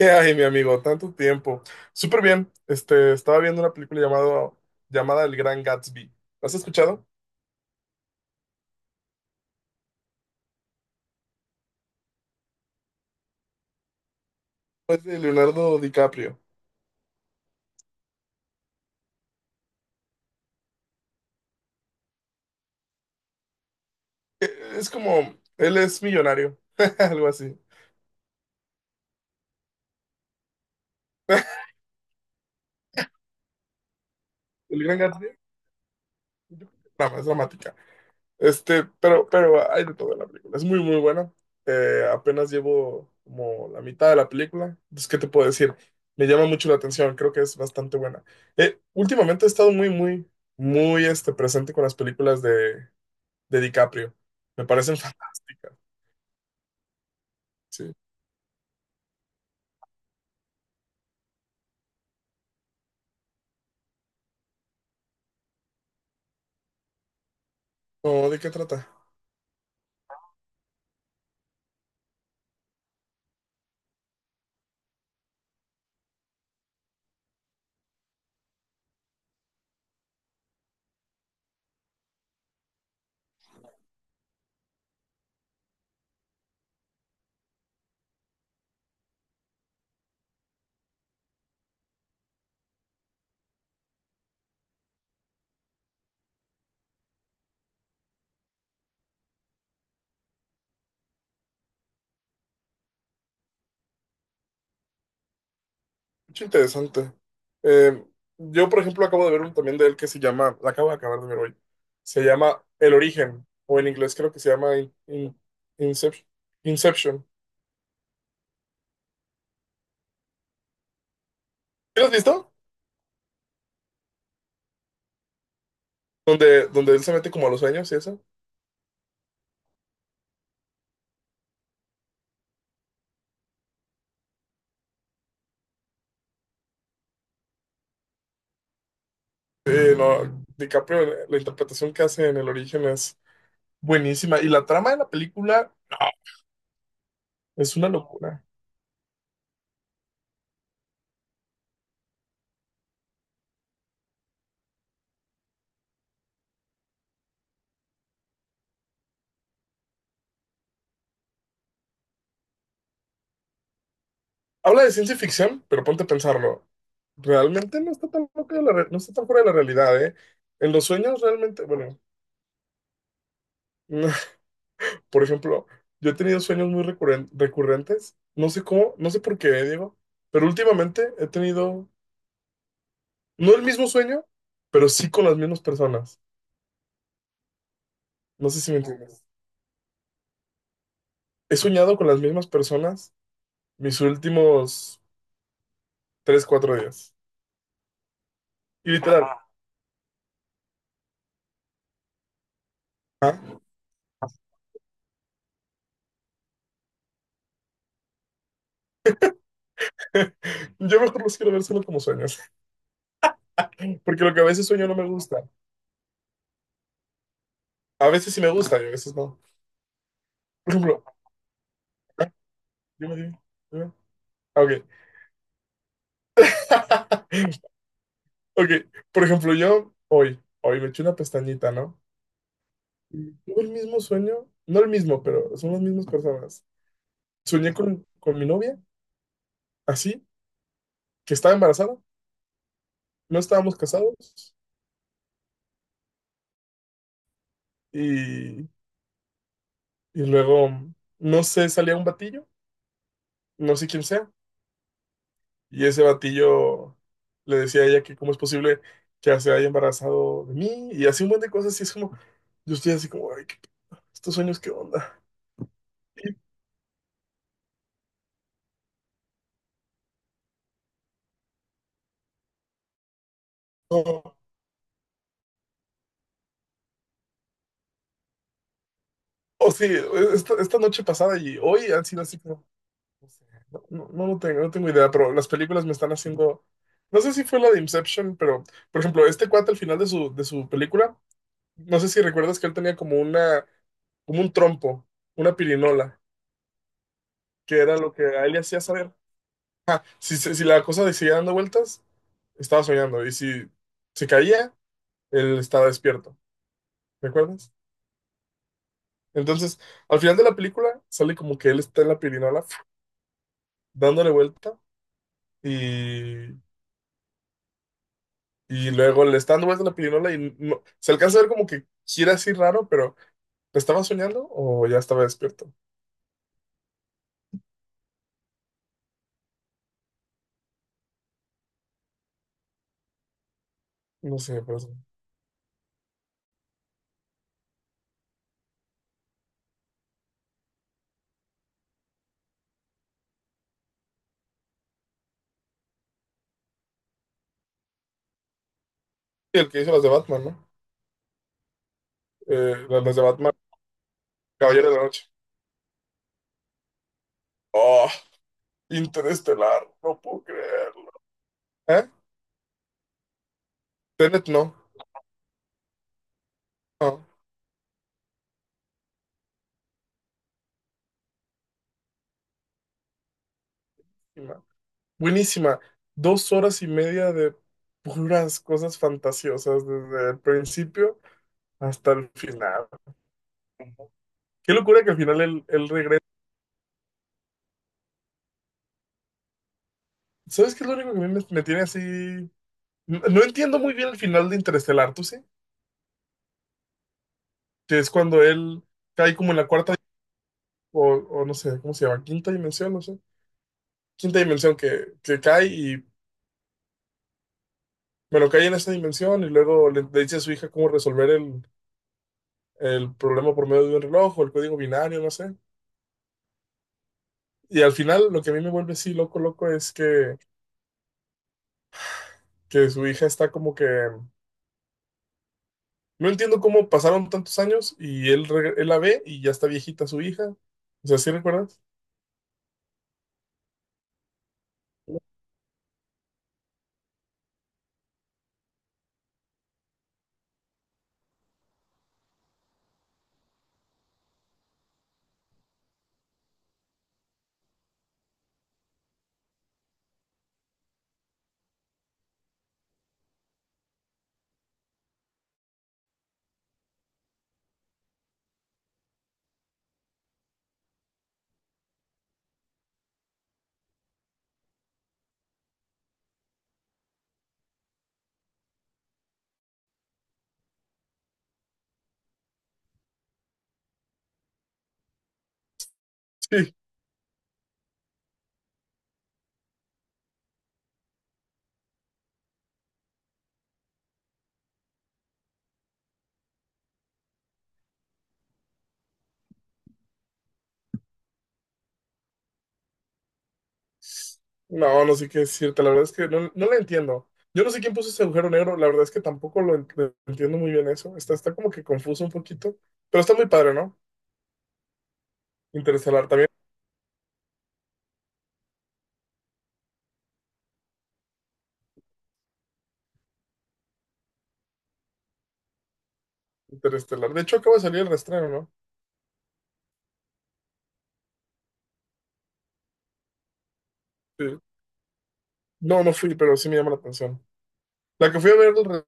Ay, mi amigo, tanto tiempo. Súper bien. Este, estaba viendo una película llamada El Gran Gatsby. ¿Has escuchado? Es de Leonardo DiCaprio. Eh, Es como, él es millonario, algo así. El Gran Gatsby, yo creo que es drama, es dramática. Este, pero hay de todo en la película. Es muy, muy buena. Apenas llevo como la mitad de la película. Entonces, ¿qué te puedo decir? Me llama mucho la atención. Creo que es bastante buena. Últimamente he estado muy, muy, muy presente con las películas de DiCaprio. Me parecen fantásticas. Sí. No, ¿de qué trata? Mucho interesante. Eh, yo, por ejemplo, acabo de ver un también de él que se llama, la acabo de acabar de ver hoy, se llama El Origen, o en inglés creo que se llama Inception. Inception. ¿Sí? ¿Lo has visto? Donde él se mete como a los sueños y eso. Sí, no, DiCaprio, la interpretación que hace en El Origen es buenísima. Y la trama de la película, no, es una locura. Habla de ciencia ficción, pero ponte a pensarlo. Realmente no está tan loca de la re- no está tan fuera de la realidad, ¿eh? En los sueños realmente, bueno, por ejemplo, yo he tenido sueños muy recurrentes, no sé cómo, no sé por qué, ¿eh, Diego? Pero últimamente he tenido, no el mismo sueño, pero sí con las mismas personas. No sé si me entiendes. He soñado con las mismas personas mis últimos 3, 4 días. Y literal, yo mejor los quiero ver solo como sueños, porque lo que a veces sueño no me gusta. A veces sí me gusta y a veces no. Por ejemplo, dime, dime, dime. Ah, ok. Ok, por ejemplo, yo hoy, me eché una pestañita, ¿no? Y tuve el mismo sueño, no el mismo, pero son las mismas personas. Soñé con mi novia, así, que estaba embarazada, no estábamos casados, y luego, no sé, salía un batillo, no sé quién sea. Y ese batillo le decía a ella que cómo es posible que se haya embarazado de mí y así un montón de cosas. Y es como, yo estoy así como, ay, qué estos sueños, ¿qué onda? Y no, o sí, esta noche pasada y hoy han sido así como, no sé, no, no, no lo tengo, no tengo idea, pero las películas me están haciendo, no sé si fue la de Inception, pero, por ejemplo, este cuate al final de su película, no sé si recuerdas que él tenía como un trompo, una pirinola, que era lo que a él le hacía saber Si la cosa seguía dando vueltas, estaba soñando. Y si se caía, él estaba despierto. ¿Me acuerdas? Entonces, al final de la película, sale como que él está en la pirinola, dándole vuelta. Y, y luego le está dando vuelta la pirinola y se alcanza a ver como que gira así raro, pero ¿estaba soñando o ya estaba despierto? No sé, por eso. Y el que hizo las de Batman, ¿no? Las de Batman, Caballero de la Noche. Oh, Interestelar, no puedo creerlo. ¿Eh? Tenet no. No. Buenísima. 2 horas y media de puras cosas fantasiosas desde el principio hasta el final. Qué locura que al final él, él regresa. ¿Sabes qué es lo único que a mí me tiene así? No, no entiendo muy bien el final de Interestelar, ¿tú sí? Que es cuando él cae como en la cuarta o no sé, ¿cómo se llama? Quinta dimensión, no sé. Quinta dimensión que cae y, bueno, cae en esta dimensión y luego le dice a su hija cómo resolver el problema por medio de un reloj o el código binario, no sé. Y al final lo que a mí me vuelve así loco, loco es que su hija está como que... No entiendo cómo pasaron tantos años y él la ve y ya está viejita su hija. O sea, ¿sí recuerdas? Sí. No, no sé qué decirte. La verdad es que no, no la entiendo. Yo no sé quién puso ese agujero negro. La verdad es que tampoco lo entiendo muy bien eso. Está como que confuso un poquito. Pero está muy padre, ¿no? Interestelar también. Interestelar. De hecho, acaba de salir el reestreno, ¿no? Sí. No, no fui, pero sí me llama la atención. La que fui a ver el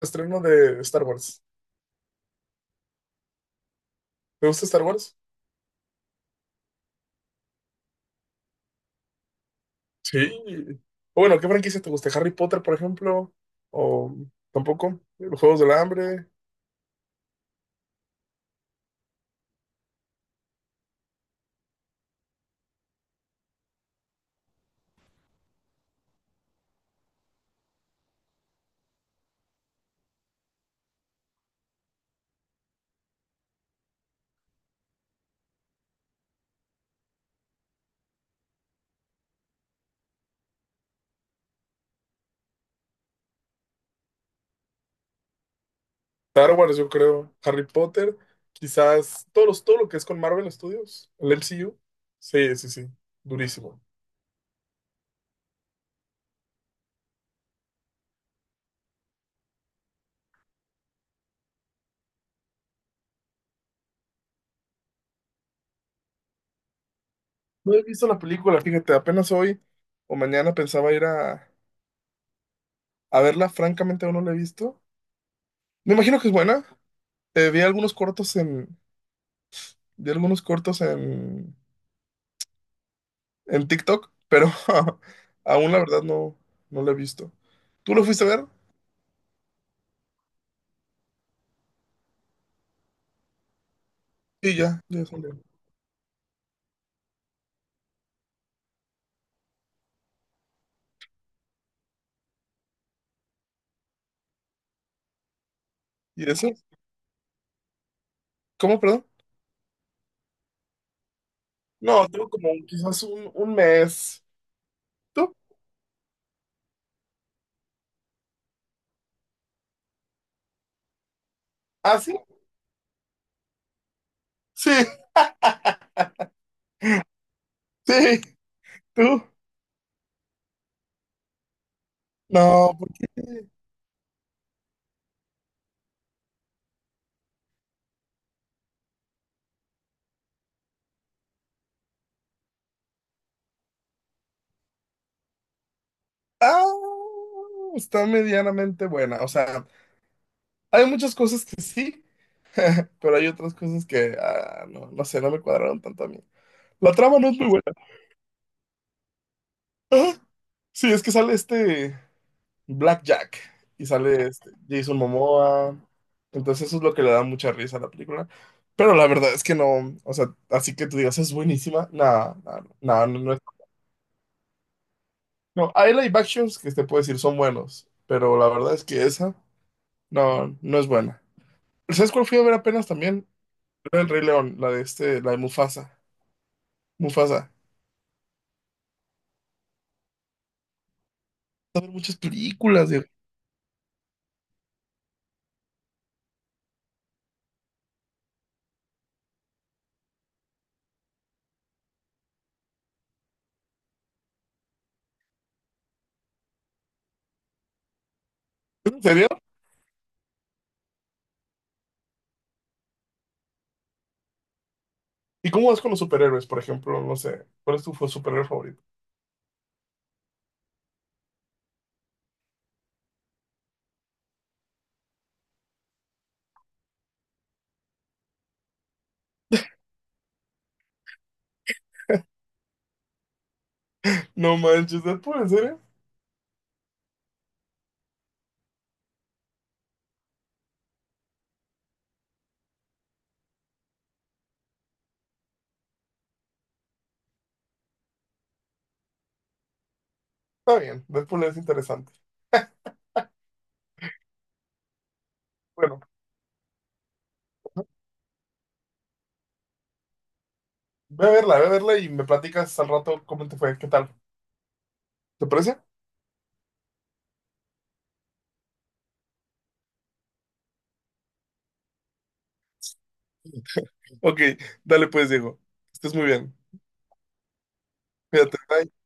reestreno de Star Wars. ¿Te gusta Star Wars? Sí, o bueno, ¿qué franquicia te gusta? ¿Harry Potter, por ejemplo? ¿O tampoco? ¿Los Juegos del Hambre? Star Wars, yo creo. Harry Potter. Quizás todo lo que es con Marvel Studios. El MCU. Sí, sí, sí. Durísimo. No he visto la película, fíjate. Apenas hoy o mañana pensaba ir a verla. Francamente, aún no la he visto. Me imagino que es buena. Eh, vi algunos cortos en... Vi algunos cortos en TikTok, pero aún la verdad no, no la he visto. ¿Tú lo fuiste a ver? Sí, ya, ya salió. ¿Y eso? ¿Cómo, perdón? No, tengo como quizás un mes. ¿Tú? ¿Ah, sí? Sí, sí, tú. No, porque... Ah, está medianamente buena. O sea, hay muchas cosas que sí, pero hay otras cosas que, ah, no, no sé, no me cuadraron tanto a mí. La trama no es muy buena. Ah, sí, es que sale este... Blackjack y sale este, Jason Momoa. Entonces eso es lo que le da mucha risa a la película. Pero la verdad es que no, o sea, así que tú digas, es buenísima. Nada, nada, nada, no, no es. No, hay live actions que te puedo decir son buenos, pero la verdad es que esa no, no es buena. ¿Sabes cuál fui a ver apenas también? Era El Rey León, la de este, la de Mufasa. Mufasa. A ver muchas películas, Diego. ¿En serio? ¿Y cómo vas con los superhéroes, por ejemplo? No sé, ¿cuál es tu superhéroe favorito? No manches, ¿es por en serio? Está bien, Deadpool es interesante. Bueno, ve a verla y me platicas al rato cómo te fue, qué tal. ¿Te parece? Ok, dale pues, Diego. Estés muy bien. Cuídate, bye.